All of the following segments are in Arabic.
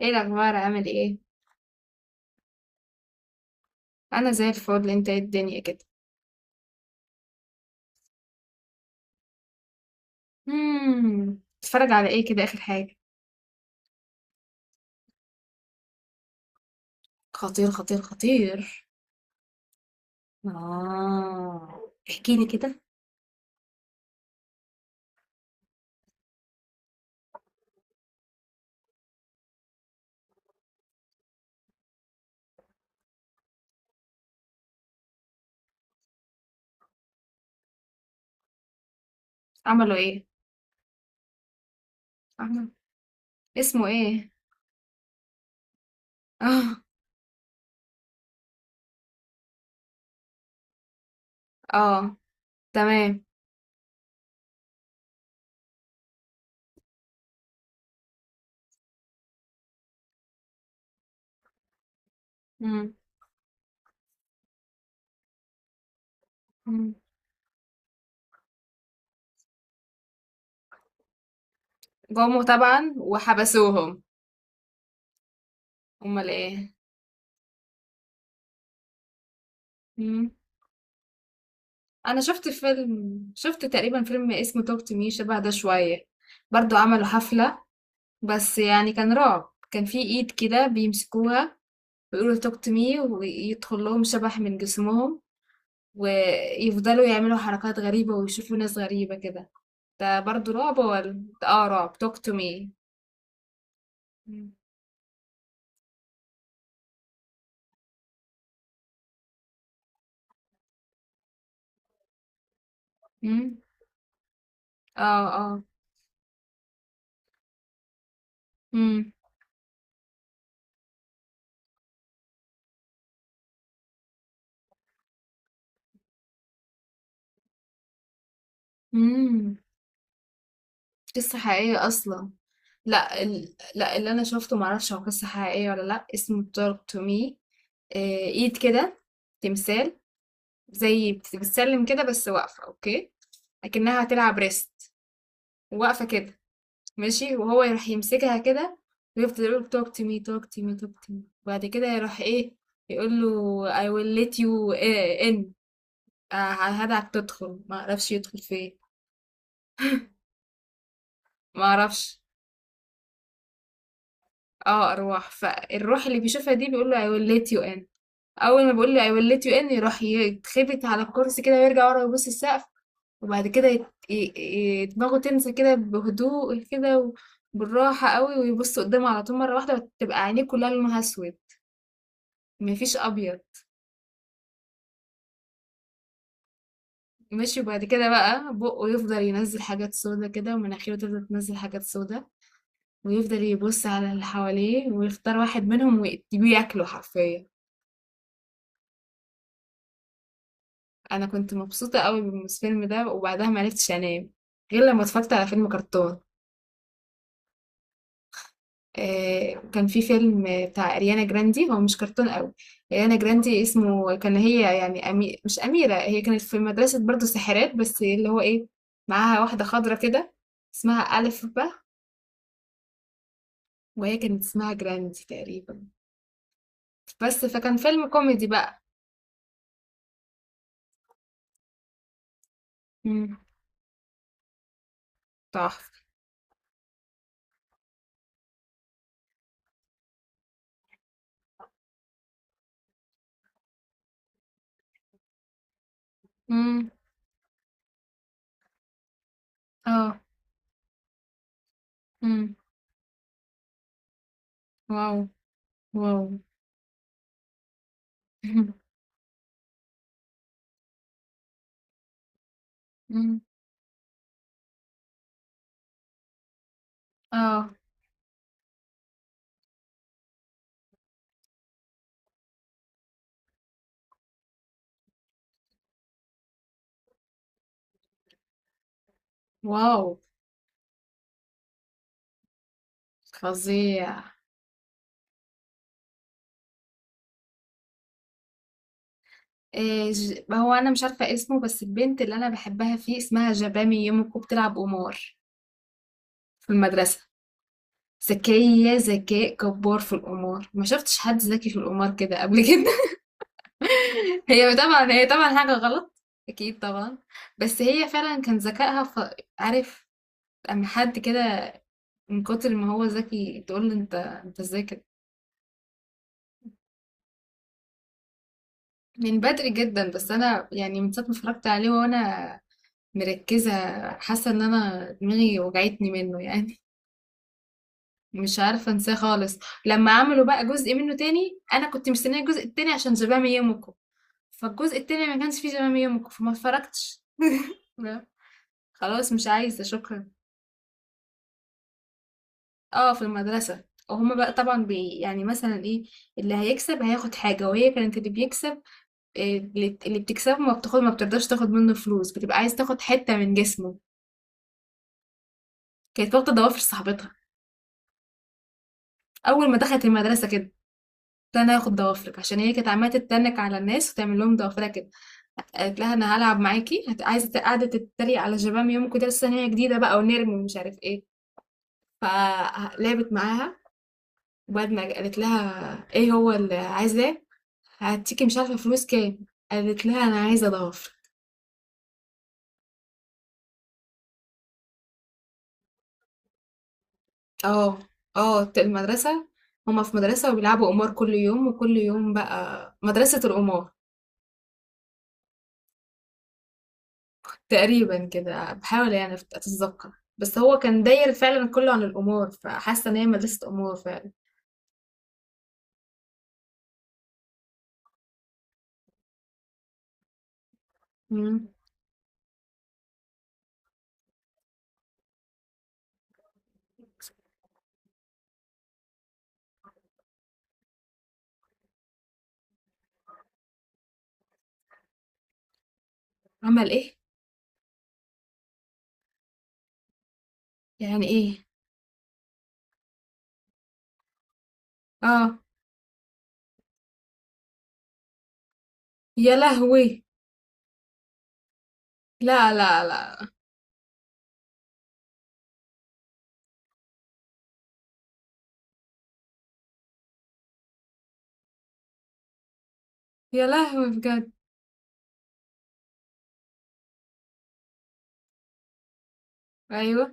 ايه الاخبار؟ عامل ايه؟ انا زي الفل. انت ايه الدنيا كده؟ اتفرج على ايه كده اخر حاجه؟ خطير خطير خطير. آه، احكي لي كده. عملوا ايه؟ عمل. اسمه ايه؟ اه، اه. تمام. امم. أمم. جم طبعا وحبسوهم. امال ايه؟ امم. انا شفت فيلم تقريبا فيلم اسمه توك تو مي، شبه ده شويه. برضو عملوا حفله، بس يعني كان رعب. كان في ايد كده بيمسكوها ويقولوا توك تو مي، ويدخل لهم شبح من جسمهم، ويفضلوا يعملوا حركات غريبة ويشوفوا ناس غريبة كده. ده برضو رعب ولا؟ ده رعب توك تو مي. اه، اه. مم. مم. قصة حقيقية أصلا. لا اللي أنا شفته معرفش هو قصة حقيقية ولا لأ، اسمه توك تو مي. إيد كده. تمثال. زي بتسلم كده، بس واقفة. أوكي. أكنها هتلعب ريست. واقفة كده. ماشي، وهو يروح يمسكها كده، ويفضل يقول talk to me talk to me talk to me، وبعد كده يروح ايه، يقول له I will let you in. هدعك تدخل، ما اعرفش يدخل فين. ما اعرفش. اه، ارواح. فالروح اللي بيشوفها دي بيقول له I will let you in. اول ما بيقول له I will let you in يروح يتخبط على الكرسي كده، ويرجع ورا، يبص السقف. وبعد كده دماغه تنسى كده بهدوء كده، وبالراحة قوي، ويبص قدامه على طول مرة واحدة، وتبقى عينيه كلها لونها اسود، مفيش ابيض. ماشي، وبعد كده بقى بقه يفضل ينزل حاجات سودا كده، ومناخيره تفضل تنزل حاجات سودا، ويفضل يبص على اللي حواليه ويختار واحد منهم ويديه ياكله حرفيا. انا كنت مبسوطه قوي بالفيلم ده، وبعدها ما عرفتش انام غير لما اتفرجت على فيلم كرتون. كان في فيلم بتاع اريانا جراندي، هو مش كرتون قوي. اريانا جراندي اسمه كان هي يعني مش اميره. هي كانت في مدرسه برضو ساحرات، بس اللي هو ايه، معاها واحده خضرة كده اسمها ألف ب، وهي كانت اسمها جراندي تقريبا. بس فكان فيلم كوميدي بقى. امم. تحفة. امم. اه. امم. واو. واو. امم. اه. واو. فظيع. إيه، هو انا مش عارفه اسمه، بس البنت اللي انا بحبها فيه اسمها جبامي يوميكو، بتلعب قمار في المدرسه. ذكيه ذكاء جبار في القمار، ما شفتش حد ذكي في القمار كده قبل كده. هي طبعا حاجة غلط، أكيد طبعا. بس هي فعلا كان ذكائها. عارف، أما حد كده، من كتر ما هو ذكي تقول له أنت إزاي كده. من بدري جدا، بس أنا يعني من ساعة ما اتفرجت عليه وأنا مركزة، حاسة إن أنا دماغي وجعتني منه يعني، مش عارفة أنساه خالص. لما عملوا بقى جزء منه تاني، أنا كنت مستنية الجزء التاني عشان جبام يومكو، فالجزء التاني ما كانش فيه جبام يومكو، فما اتفرجتش. لا، خلاص، مش عايزة، شكرا. اه، في المدرسة. وهما بقى طبعا يعني مثلا ايه، اللي هيكسب هياخد حاجة، وهي كانت اللي بيكسب إيه، اللي بتكسبه ما بتاخد، ما بترضاش تاخد منه فلوس، بتبقى عايز تاخد حتة من جسمه. كانت واخدة ضوافر صاحبتها. أول ما دخلت المدرسة كده قلت لها انا هاخد ضوافرك، عشان هي كانت عمالة تتنك على الناس وتعمل لهم ضوافرها كده. قالت لها انا هلعب معاكي، عايزة قاعدة تتريق على شباب يوم كده، لسه إن هي جديدة بقى ونرمي ومش عارف ايه. فلعبت معاها، وبدمج قالت لها ايه هو اللي عايزاه، هديكي مش عارفه فلوس كام. قالت لها انا عايزه ضعف. اه، اه. المدرسه. هما في مدرسه، وبيلعبوا قمار كل يوم، وكل يوم بقى مدرسه القمار. تقريبا كده، بحاول يعني اتذكر، بس هو كان داير فعلا كله عن القمار، فحاسه ان هي مدرسه قمار فعلا. مم. عمل ايه؟ يعني ايه؟ اه. يا لهوي. لا، لا، لا. يا لهوي، بجد. ايوه.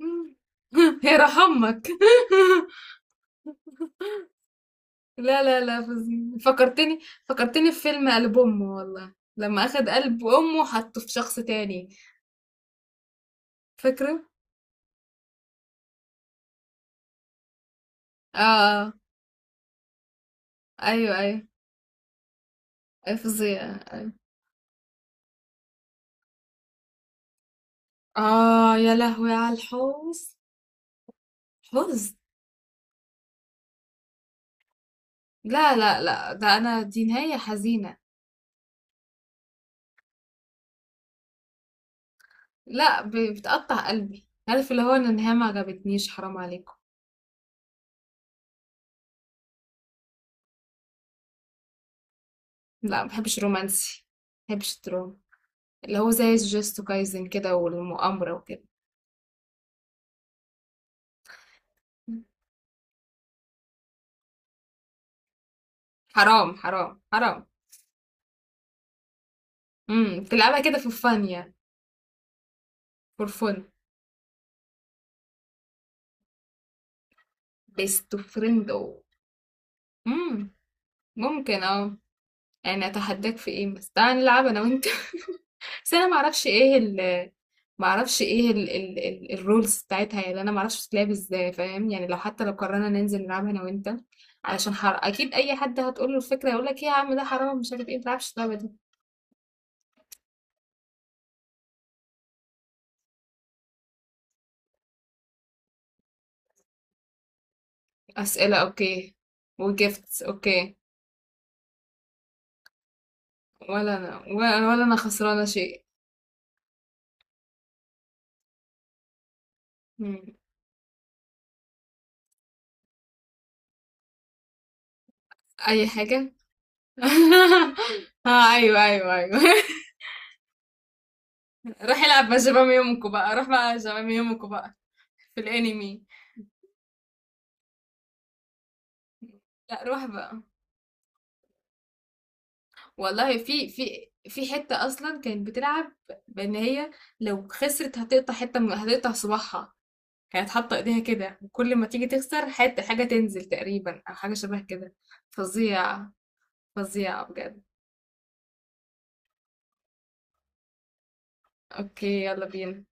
مم. يا رحمك. لا، لا، لا، فظيع، فكرتني. فكرتني في فيلم قلب امه، والله لما اخد قلب امه وحطه في شخص تاني. فاكره. اه. آه. ايوه، ايوه. اي فظيع. أيوة. اه، يا لهوي على الحزن. حزن. لا، لا، لا، ده انا دي نهاية حزينة. لا، بتقطع قلبي. عارف اللي هو ان النهاية ما عجبتنيش، حرام عليكم. لا، ما بحبش رومانسي. ما بحبش الدراما. اللي هو زي جوجوتسو كايزن كده، والمؤامرة وكده. حرام، حرام، حرام. امم. تلعبها كده في الفن يعني. فور فن. بيست فريند او. امم. ممكن، اه. يعني اتحداك في ايه، بس تعالى نلعب انا وانت. بس انا معرفش ايه ال، معرفش ايه ال الرولز بتاعتها يعني، انا معرفش بتتلعب ازاي فاهم يعني، لو حتى لو قررنا ننزل نلعبها انا وانت. علشان اكيد اي حد هتقول له الفكره هيقول لك ايه يا عم، ده حرام مش عارف ايه، ما تلعبش اللعبه دي. اسئله، اوكي. وجيفتس، اوكي. ولا انا، ولا انا خسرانه شيء. مم. اي حاجه. اه، ايوه، ايوه، ايوه. روح العب بقى زمام يومكم بقى، روح بقى زمام يومكم بقى. في الانمي. لا، روح بقى. والله في حتة اصلا كانت بتلعب، بان هي لو خسرت هتقطع حتة من، هتقطع صباعها. كانت حاطة ايديها كده، وكل ما تيجي تخسر حتة، حاجة تنزل تقريبا، او حاجة شبه كده. فظيعة. فظيعة بجد. اوكي، يلا بينا.